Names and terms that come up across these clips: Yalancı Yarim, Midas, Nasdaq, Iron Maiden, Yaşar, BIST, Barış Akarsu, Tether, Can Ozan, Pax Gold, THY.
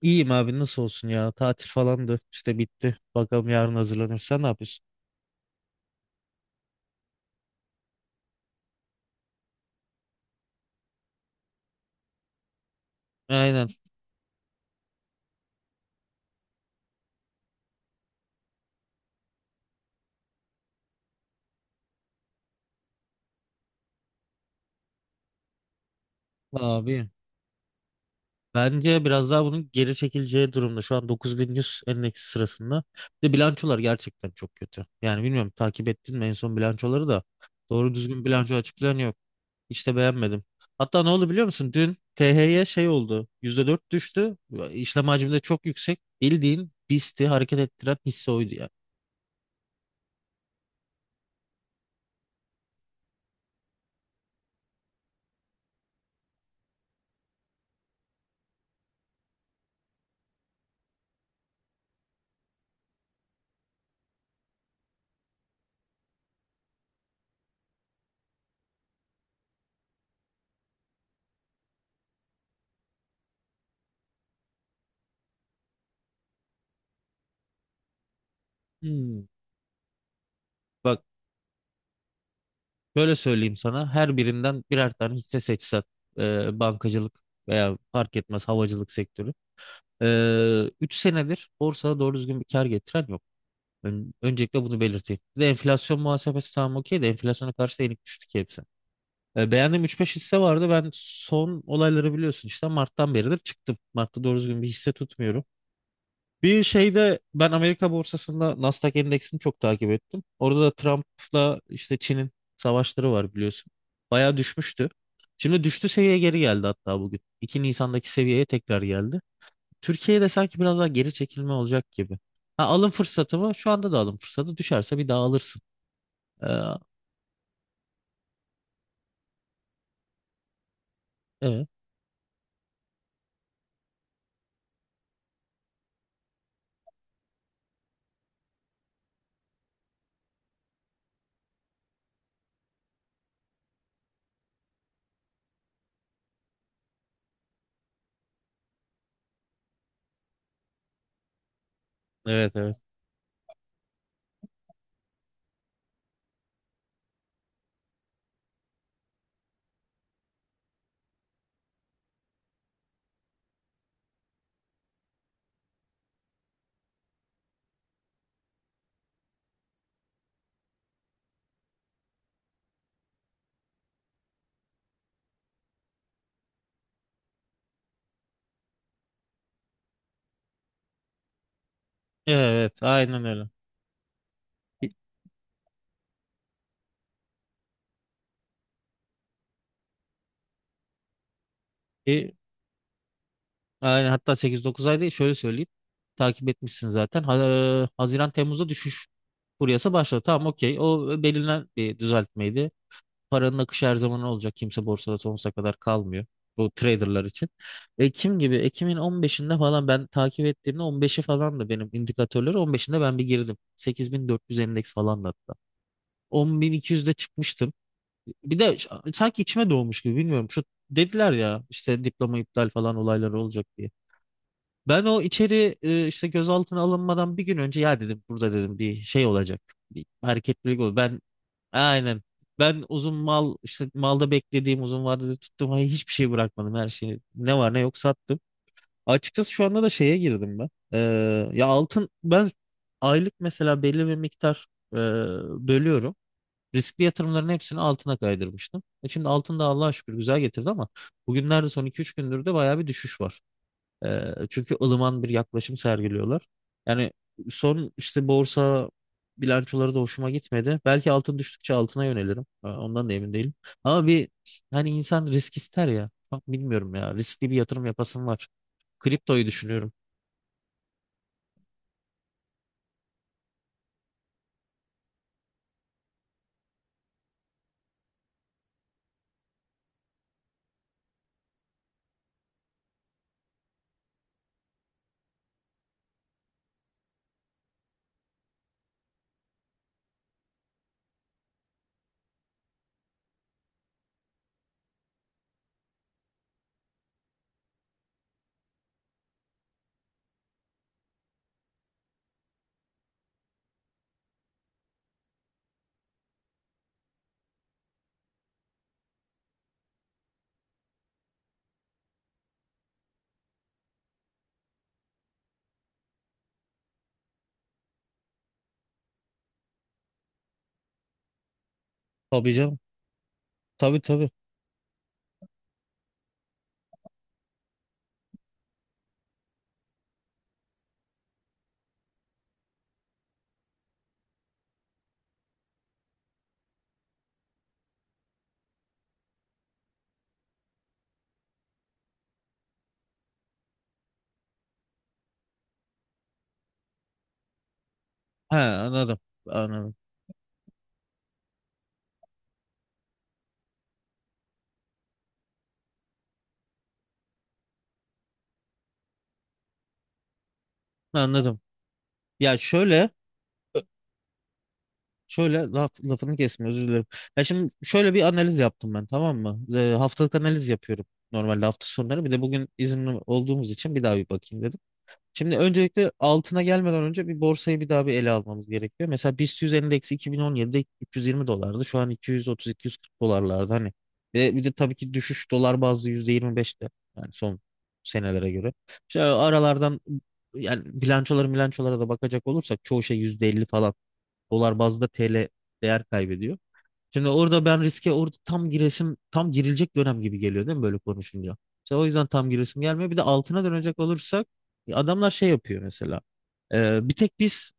İyiyim abi, nasıl olsun ya, tatil falandı işte, bitti bakalım yarın hazırlanır. Sen ne yapıyorsun? Aynen abi, bence biraz daha bunun geri çekileceği durumda. Şu an 9100 endeksi sırasında, bir de bilançolar gerçekten çok kötü. Yani bilmiyorum, takip ettin mi en son bilançoları da? Doğru düzgün bilanço açıklayan yok, hiç de beğenmedim. Hatta ne oldu biliyor musun, dün THY şey oldu, %4 düştü. İşlem hacmi de çok yüksek, bildiğin BIST'i hareket ettiren hisse oydu ya. Hmm. Bak, şöyle söyleyeyim sana, her birinden birer tane hisse seçsen, bankacılık veya fark etmez havacılık sektörü. Üç senedir borsada doğru düzgün bir kar getiren yok. Öncelikle bunu belirteyim. Bir de enflasyon muhasebesi, tamam okey, de enflasyona karşı enik düştü ki hepsi. Beğendiğim üç beş hisse vardı. Ben son olayları biliyorsun, işte Mart'tan beridir çıktım. Mart'ta doğru düzgün bir hisse tutmuyorum. Bir şeyde ben Amerika borsasında Nasdaq endeksini çok takip ettim. Orada da Trump'la işte Çin'in savaşları var, biliyorsun. Bayağı düşmüştü. Şimdi düştü seviyeye geri geldi hatta bugün. 2 Nisan'daki seviyeye tekrar geldi. Türkiye'de sanki biraz daha geri çekilme olacak gibi. Ha, alım fırsatı mı? Şu anda da alım fırsatı. Düşerse bir daha alırsın. Ee, evet. Evet, evet. Evet, aynen öyle. E, Yani hatta sekiz dokuz ay değil, şöyle söyleyeyim. Takip etmişsin zaten. Haziran Temmuz'da düşüş furyası başladı. Tamam, okey. O belirlenen bir düzeltmeydi. Paranın akışı her zaman olacak. Kimse borsada sonsuza kadar kalmıyor. Bu traderlar için. Ekim gibi, Ekim'in 15'inde falan ben takip ettiğimde, 15'i falan da benim indikatörleri 15'inde ben bir girdim. 8400 endeks falan da hatta. 10.200'de çıkmıştım. Bir de sanki içime doğmuş gibi, bilmiyorum. Şu dediler ya işte diploma iptal falan olayları olacak diye. Ben o içeri işte gözaltına alınmadan bir gün önce ya dedim burada, dedim bir şey olacak. Bir hareketlilik olur. Ben aynen. Ben uzun mal işte malda beklediğim uzun vadede tuttum. Hayır, hiçbir şey bırakmadım, her şeyi. Ne var ne yok sattım. Açıkçası şu anda da şeye girdim ben. Ya altın, ben aylık mesela belli bir miktar e, bölüyorum. Riskli yatırımların hepsini altına kaydırmıştım. Şimdi altın da Allah'a şükür güzel getirdi ama bugünlerde, son iki üç gündür de bayağı bir düşüş var. Çünkü ılıman bir yaklaşım sergiliyorlar. Yani son işte borsa bilançoları da hoşuma gitmedi. Belki altın düştükçe altına yönelirim. Ondan da emin değilim. Ama bir, hani insan risk ister ya. Bak, bilmiyorum ya. Riskli bir yatırım yapasım var. Kriptoyu düşünüyorum. Tabii canım. Tabii, tabii. He, anladım. Anladım. Anladım. Ya şöyle Şöyle lafını kesme, özür dilerim. Ya şimdi şöyle bir analiz yaptım ben, tamam mı? Haftalık analiz yapıyorum normalde hafta sonları. Bir de bugün izinli olduğumuz için bir daha bir bakayım dedim. Şimdi öncelikle altına gelmeden önce bir borsayı bir daha bir ele almamız gerekiyor. Mesela BIST 100 endeksi 2017'de 320 dolardı. Şu an 230-240 dolarlarda hani. Ve bir de tabii ki düşüş dolar bazlı %25'te. Yani son senelere göre. İşte aralardan, yani bilançolara da bakacak olursak çoğu şey %50 falan, dolar bazlı da TL değer kaybediyor. Şimdi orada ben riske, orada tam giresim, tam girilecek dönem gibi geliyor değil mi böyle konuşunca? İşte o yüzden tam giresim gelmiyor. Bir de altına dönecek olursak, ya adamlar şey yapıyor mesela. Bir tek biz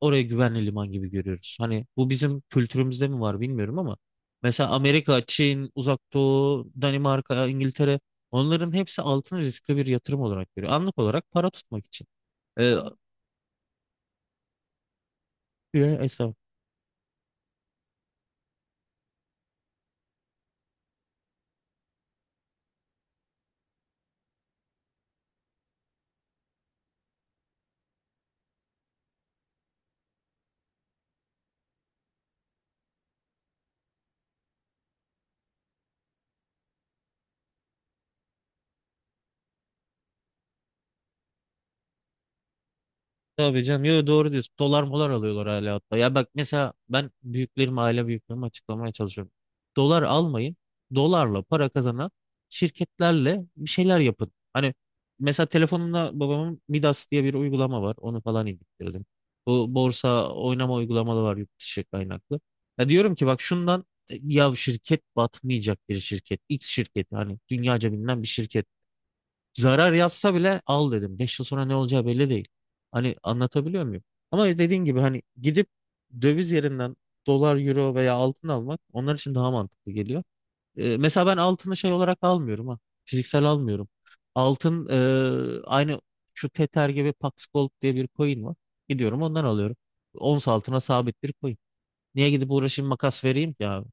orayı güvenli liman gibi görüyoruz. Hani bu bizim kültürümüzde mi var, bilmiyorum ama mesela Amerika, Çin, Uzak Doğu, Danimarka, İngiltere, onların hepsi altını riskli bir yatırım olarak görüyor. Anlık olarak para tutmak için. Ee, estağfurullah. Tabii canım. Yo, doğru diyorsun. Dolar molar alıyorlar hala hatta. Ya bak mesela ben aile büyüklerime açıklamaya çalışıyorum. Dolar almayın. Dolarla para kazanan şirketlerle bir şeyler yapın. Hani mesela telefonumda babamın Midas diye bir uygulama var. Onu falan indirdim. Bu borsa oynama uygulamaları var, yurt dışı kaynaklı. Ya diyorum ki, bak şundan ya şirket batmayacak bir şirket. X şirketi, hani dünyaca bilinen bir şirket. Zarar yazsa bile al dedim. 5 yıl sonra ne olacağı belli değil. Hani anlatabiliyor muyum? Ama dediğin gibi hani gidip döviz yerinden dolar, euro veya altın almak onlar için daha mantıklı geliyor. Mesela ben altını şey olarak almıyorum ha. Fiziksel almıyorum. Altın aynı şu Tether gibi Pax Gold diye bir coin var. Gidiyorum ondan alıyorum. Ons altına sabit bir coin. Niye gidip uğraşayım, makas vereyim ya?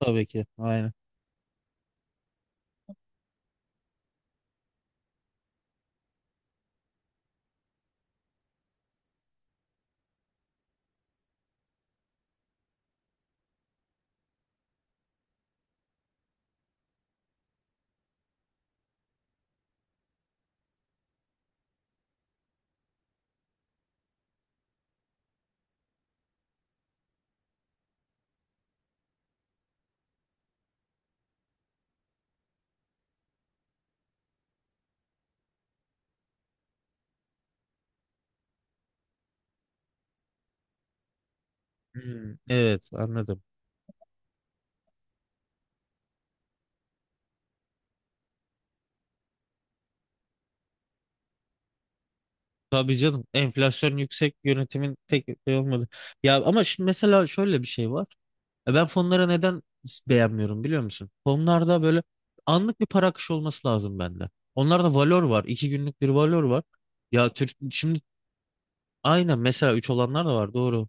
Tabii ki. Aynen. Hmm, evet anladım. Tabii canım, enflasyon yüksek yönetimin tek şey olmadı. Ya ama şimdi mesela şöyle bir şey var. Ben fonlara neden beğenmiyorum biliyor musun? Fonlarda böyle anlık bir para akışı olması lazım bende. Onlarda valor var. 2 günlük bir valor var. Ya Türk, şimdi Aynen mesela 3 olanlar da var, doğru.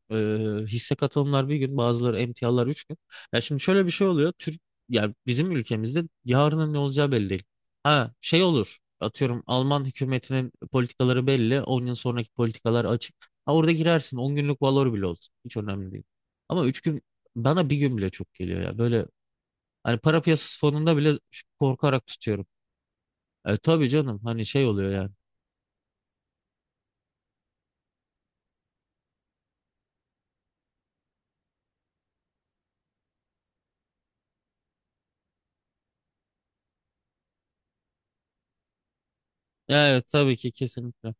Hisse katılımlar bir gün, bazıları emtialar 3 gün. Ya şimdi şöyle bir şey oluyor. Yani bizim ülkemizde yarının ne olacağı belli değil. Ha şey olur. Atıyorum Alman hükümetinin politikaları belli. 10 yıl sonraki politikalar açık. Ha orada girersin. 10 günlük valor bile olsun. Hiç önemli değil. Ama 3 gün, bana bir gün bile çok geliyor ya. Böyle hani para piyasası fonunda bile korkarak tutuyorum. Tabii canım, hani şey oluyor yani. Evet, tabii ki kesinlikle.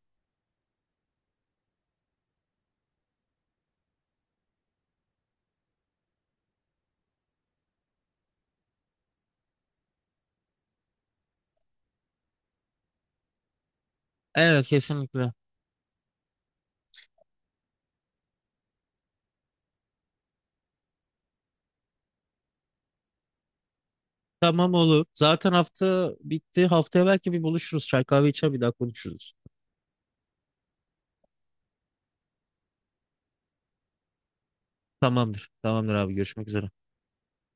Evet, kesinlikle. Tamam, olur. Zaten hafta bitti. Haftaya belki bir buluşuruz. Çay kahve içer, bir daha konuşuruz. Tamamdır. Tamamdır abi. Görüşmek üzere.